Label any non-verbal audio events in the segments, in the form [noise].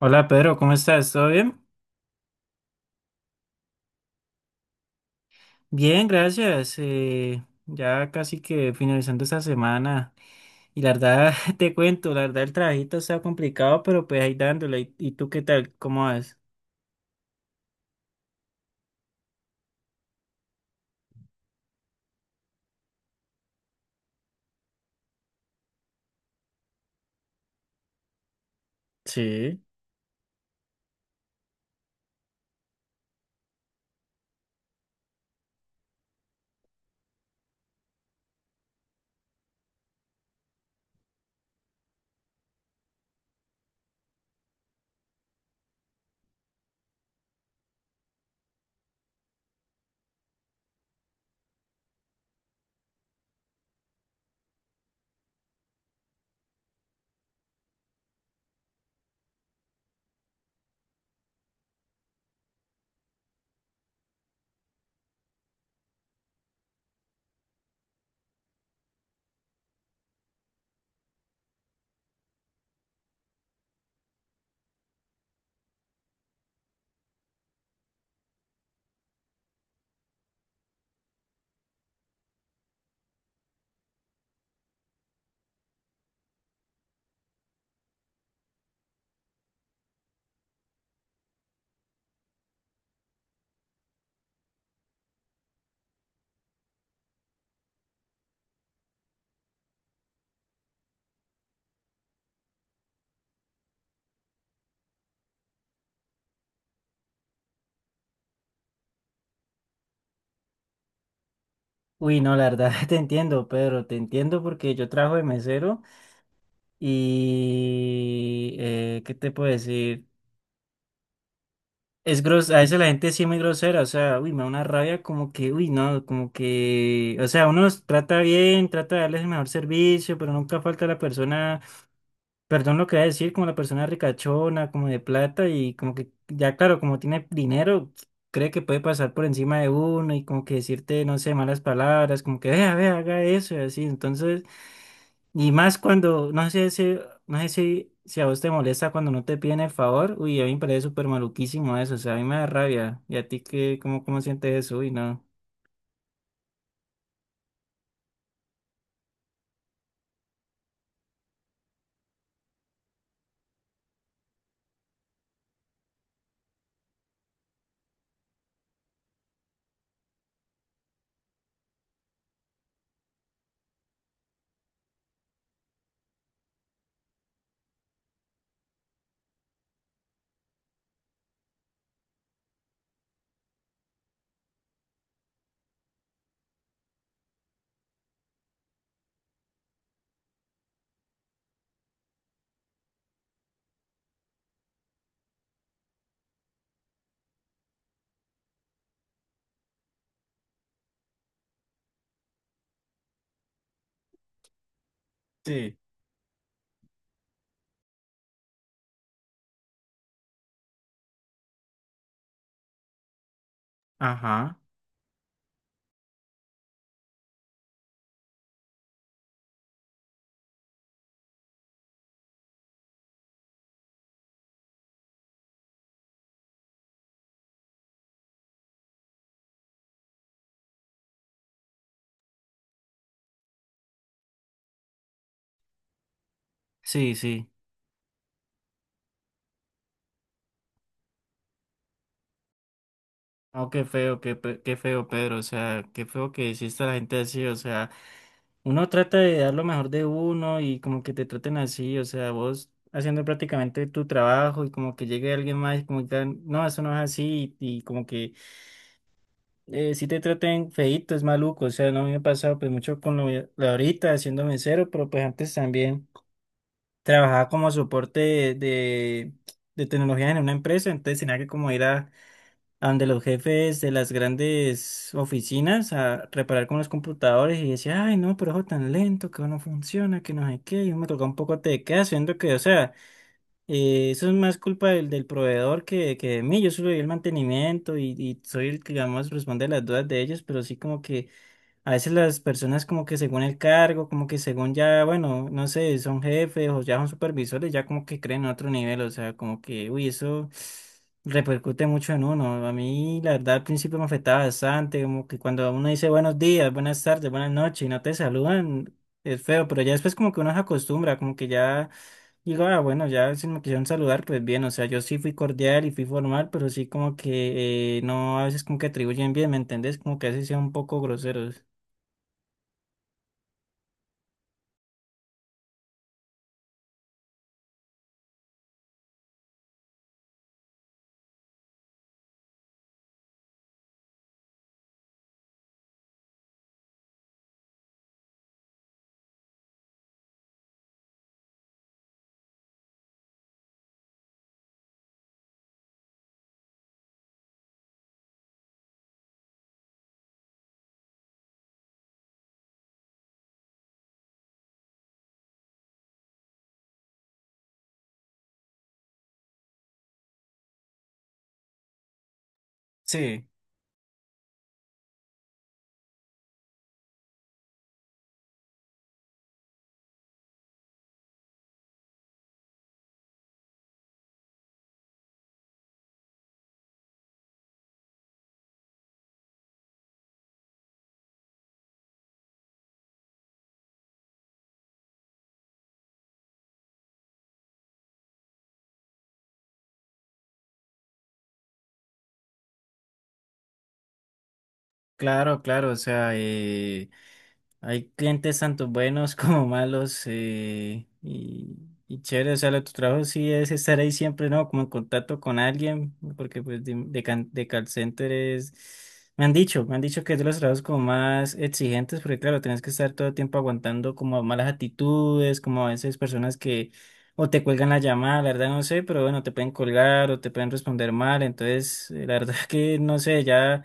Hola Pedro, ¿cómo estás? ¿Todo bien? Bien, gracias. Ya casi que finalizando esta semana. Y la verdad, [laughs] te cuento, la verdad el trabajito está complicado, pero pues ahí dándole. ¿Y tú qué tal? ¿Cómo vas? Sí. Uy, no, la verdad [laughs] te entiendo, Pedro, te entiendo porque yo trabajo de mesero y ¿qué te puedo decir? Es gros, a veces la gente sí es muy grosera, o sea, uy, me da una rabia como que, uy, no, como que, o sea, uno los trata bien, trata de darles el mejor servicio, pero nunca falta la persona, perdón lo que voy a decir, como la persona ricachona, como de plata y como que, ya claro, como tiene dinero, cree que puede pasar por encima de uno y como que decirte, no sé, malas palabras, como que, vea, vea, haga eso y así, entonces. Y más cuando, no sé si, si a vos te molesta cuando no te piden el favor. Uy, a mí me parece súper maluquísimo eso. O sea, a mí me da rabia. ¿Y a ti qué, cómo sientes eso? Uy, no. Sí. Ajá. Sí, sí. Oh, qué feo, qué, pe- qué feo, Pedro. O sea, qué feo que hiciste a la gente así. O sea, uno trata de dar lo mejor de uno y como que te traten así. O sea, vos haciendo prácticamente tu trabajo y como que llegue alguien más y como que digan, no, eso no es así. Y como que sí te traten feíto, es maluco. O sea, no me ha pasado pues mucho con lo ahorita haciendo mesero, pero pues antes también trabajaba como soporte de tecnología en una empresa, entonces tenía que como ir a donde los jefes de las grandes oficinas a reparar con los computadores y decía, ay no, pero eso tan lento, que no funciona, que no sé qué, y yo me tocaba un poco de quedas, siendo que, o sea, eso es más culpa del proveedor que de mí. Yo solo doy el mantenimiento y soy el que, digamos, responde a las dudas de ellos, pero sí como que a veces las personas como que según el cargo, como que según ya, bueno, no sé, son jefes o ya son supervisores, ya como que creen en otro nivel, o sea, como que, uy, eso repercute mucho en uno. A mí, la verdad, al principio me afectaba bastante, como que cuando uno dice buenos días, buenas tardes, buenas noches y no te saludan, es feo, pero ya después como que uno se acostumbra, como que ya digo, ah, bueno, ya si me quisieron saludar, pues bien, o sea, yo sí fui cordial y fui formal, pero sí como que no, a veces como que atribuyen bien, ¿me entendés? Como que a veces sean un poco groseros. Sí, claro, claro, o sea, hay clientes tanto buenos [laughs] como malos y chévere, o sea, lo de tu trabajo sí es estar ahí siempre, ¿no? Como en contacto con alguien, porque pues can- de call center es, me han dicho que es de los trabajos como más exigentes, porque claro, tienes que estar todo el tiempo aguantando como malas actitudes, como a veces personas que o te cuelgan la llamada, la verdad no sé, pero bueno, te pueden colgar o te pueden responder mal, entonces, la verdad [laughs] que no sé, ya.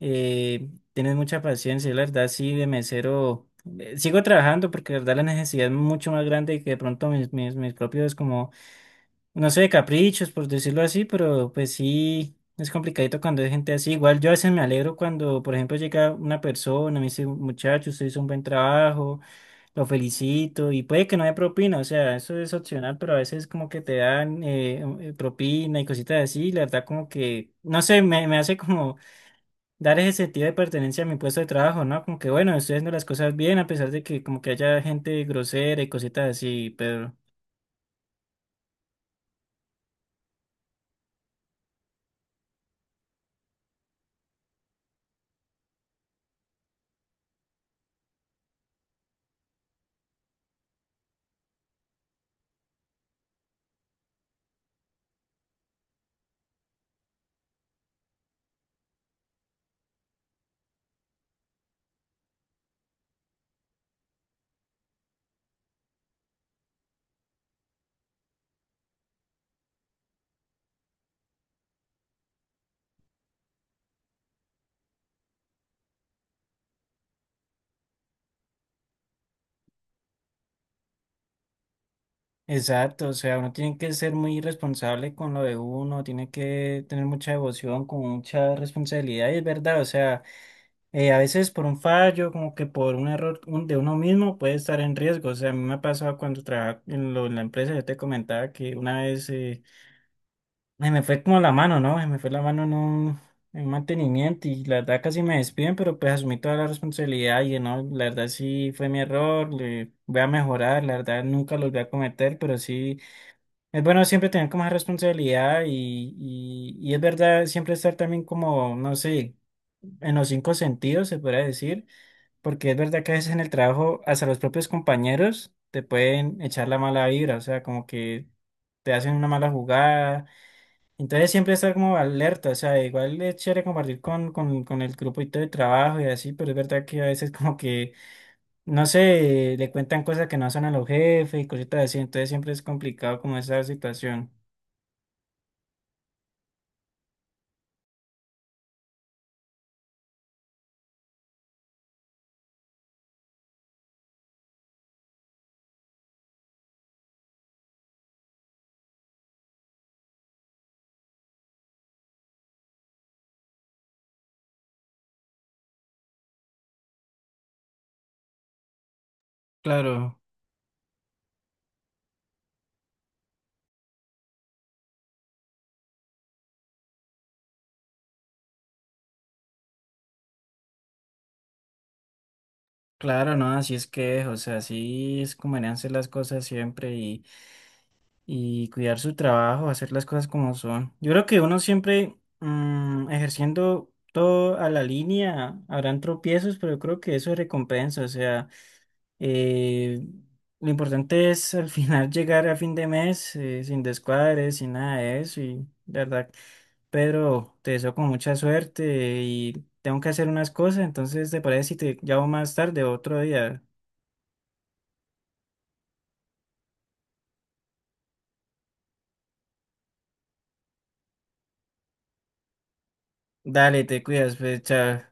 Eh, Tienes mucha paciencia, la verdad, sí, de mesero. Sigo trabajando porque la verdad la necesidad es mucho más grande que de pronto mis propios como, no sé, caprichos, por decirlo así, pero pues sí, es complicadito cuando hay gente así. Igual yo a veces me alegro cuando, por ejemplo, llega una persona, me dice, muchacho, usted hizo un buen trabajo, lo felicito, y puede que no haya propina, o sea, eso es opcional, pero a veces como que te dan propina y cositas así, la verdad como que, no sé, me hace como dar ese sentido de pertenencia a mi puesto de trabajo, ¿no? Como que bueno, estoy haciendo las cosas bien a pesar de que como que haya gente grosera y cositas así, pero exacto, o sea, uno tiene que ser muy responsable con lo de uno, tiene que tener mucha devoción, con mucha responsabilidad, y es verdad, o sea, a veces por un fallo, como que por un error un- de uno mismo puede estar en riesgo, o sea, a mí me ha pasado cuando trabajaba en, lo- en la empresa, yo te comentaba que una vez. Ay, me fue como la mano, ¿no? Ay, me fue la mano en un en mantenimiento y la verdad casi me despiden, pero pues asumí toda la responsabilidad y no, la verdad sí fue mi error, le voy a mejorar, la verdad nunca los voy a cometer, pero sí es bueno siempre tener como esa responsabilidad y es verdad siempre estar también como, no sé, en los cinco sentidos se podría decir, porque es verdad que a veces en el trabajo hasta los propios compañeros te pueden echar la mala vibra, o sea, como que te hacen una mala jugada, entonces siempre estar como alerta, o sea, igual es chévere compartir con el grupo y todo de trabajo y así, pero es verdad que a veces como que, no sé, le cuentan cosas que no son a los jefes y cositas así, entonces siempre es complicado como esa situación. Claro, claro, no, así es que es, o sea, así es como deberían ser las cosas siempre y cuidar su trabajo, hacer las cosas como son. Yo creo que uno siempre ejerciendo todo a la línea, habrán tropiezos, pero yo creo que eso es recompensa, o sea. Eh, lo importante es al final [laughs] llegar a fin de mes sin descuadres, sin nada de eso. Y de verdad, Pedro, te deseo con mucha suerte y tengo que hacer unas cosas. Entonces, ¿te parece si te llamo más tarde, otro día? Dale, te cuidas, pues, chao.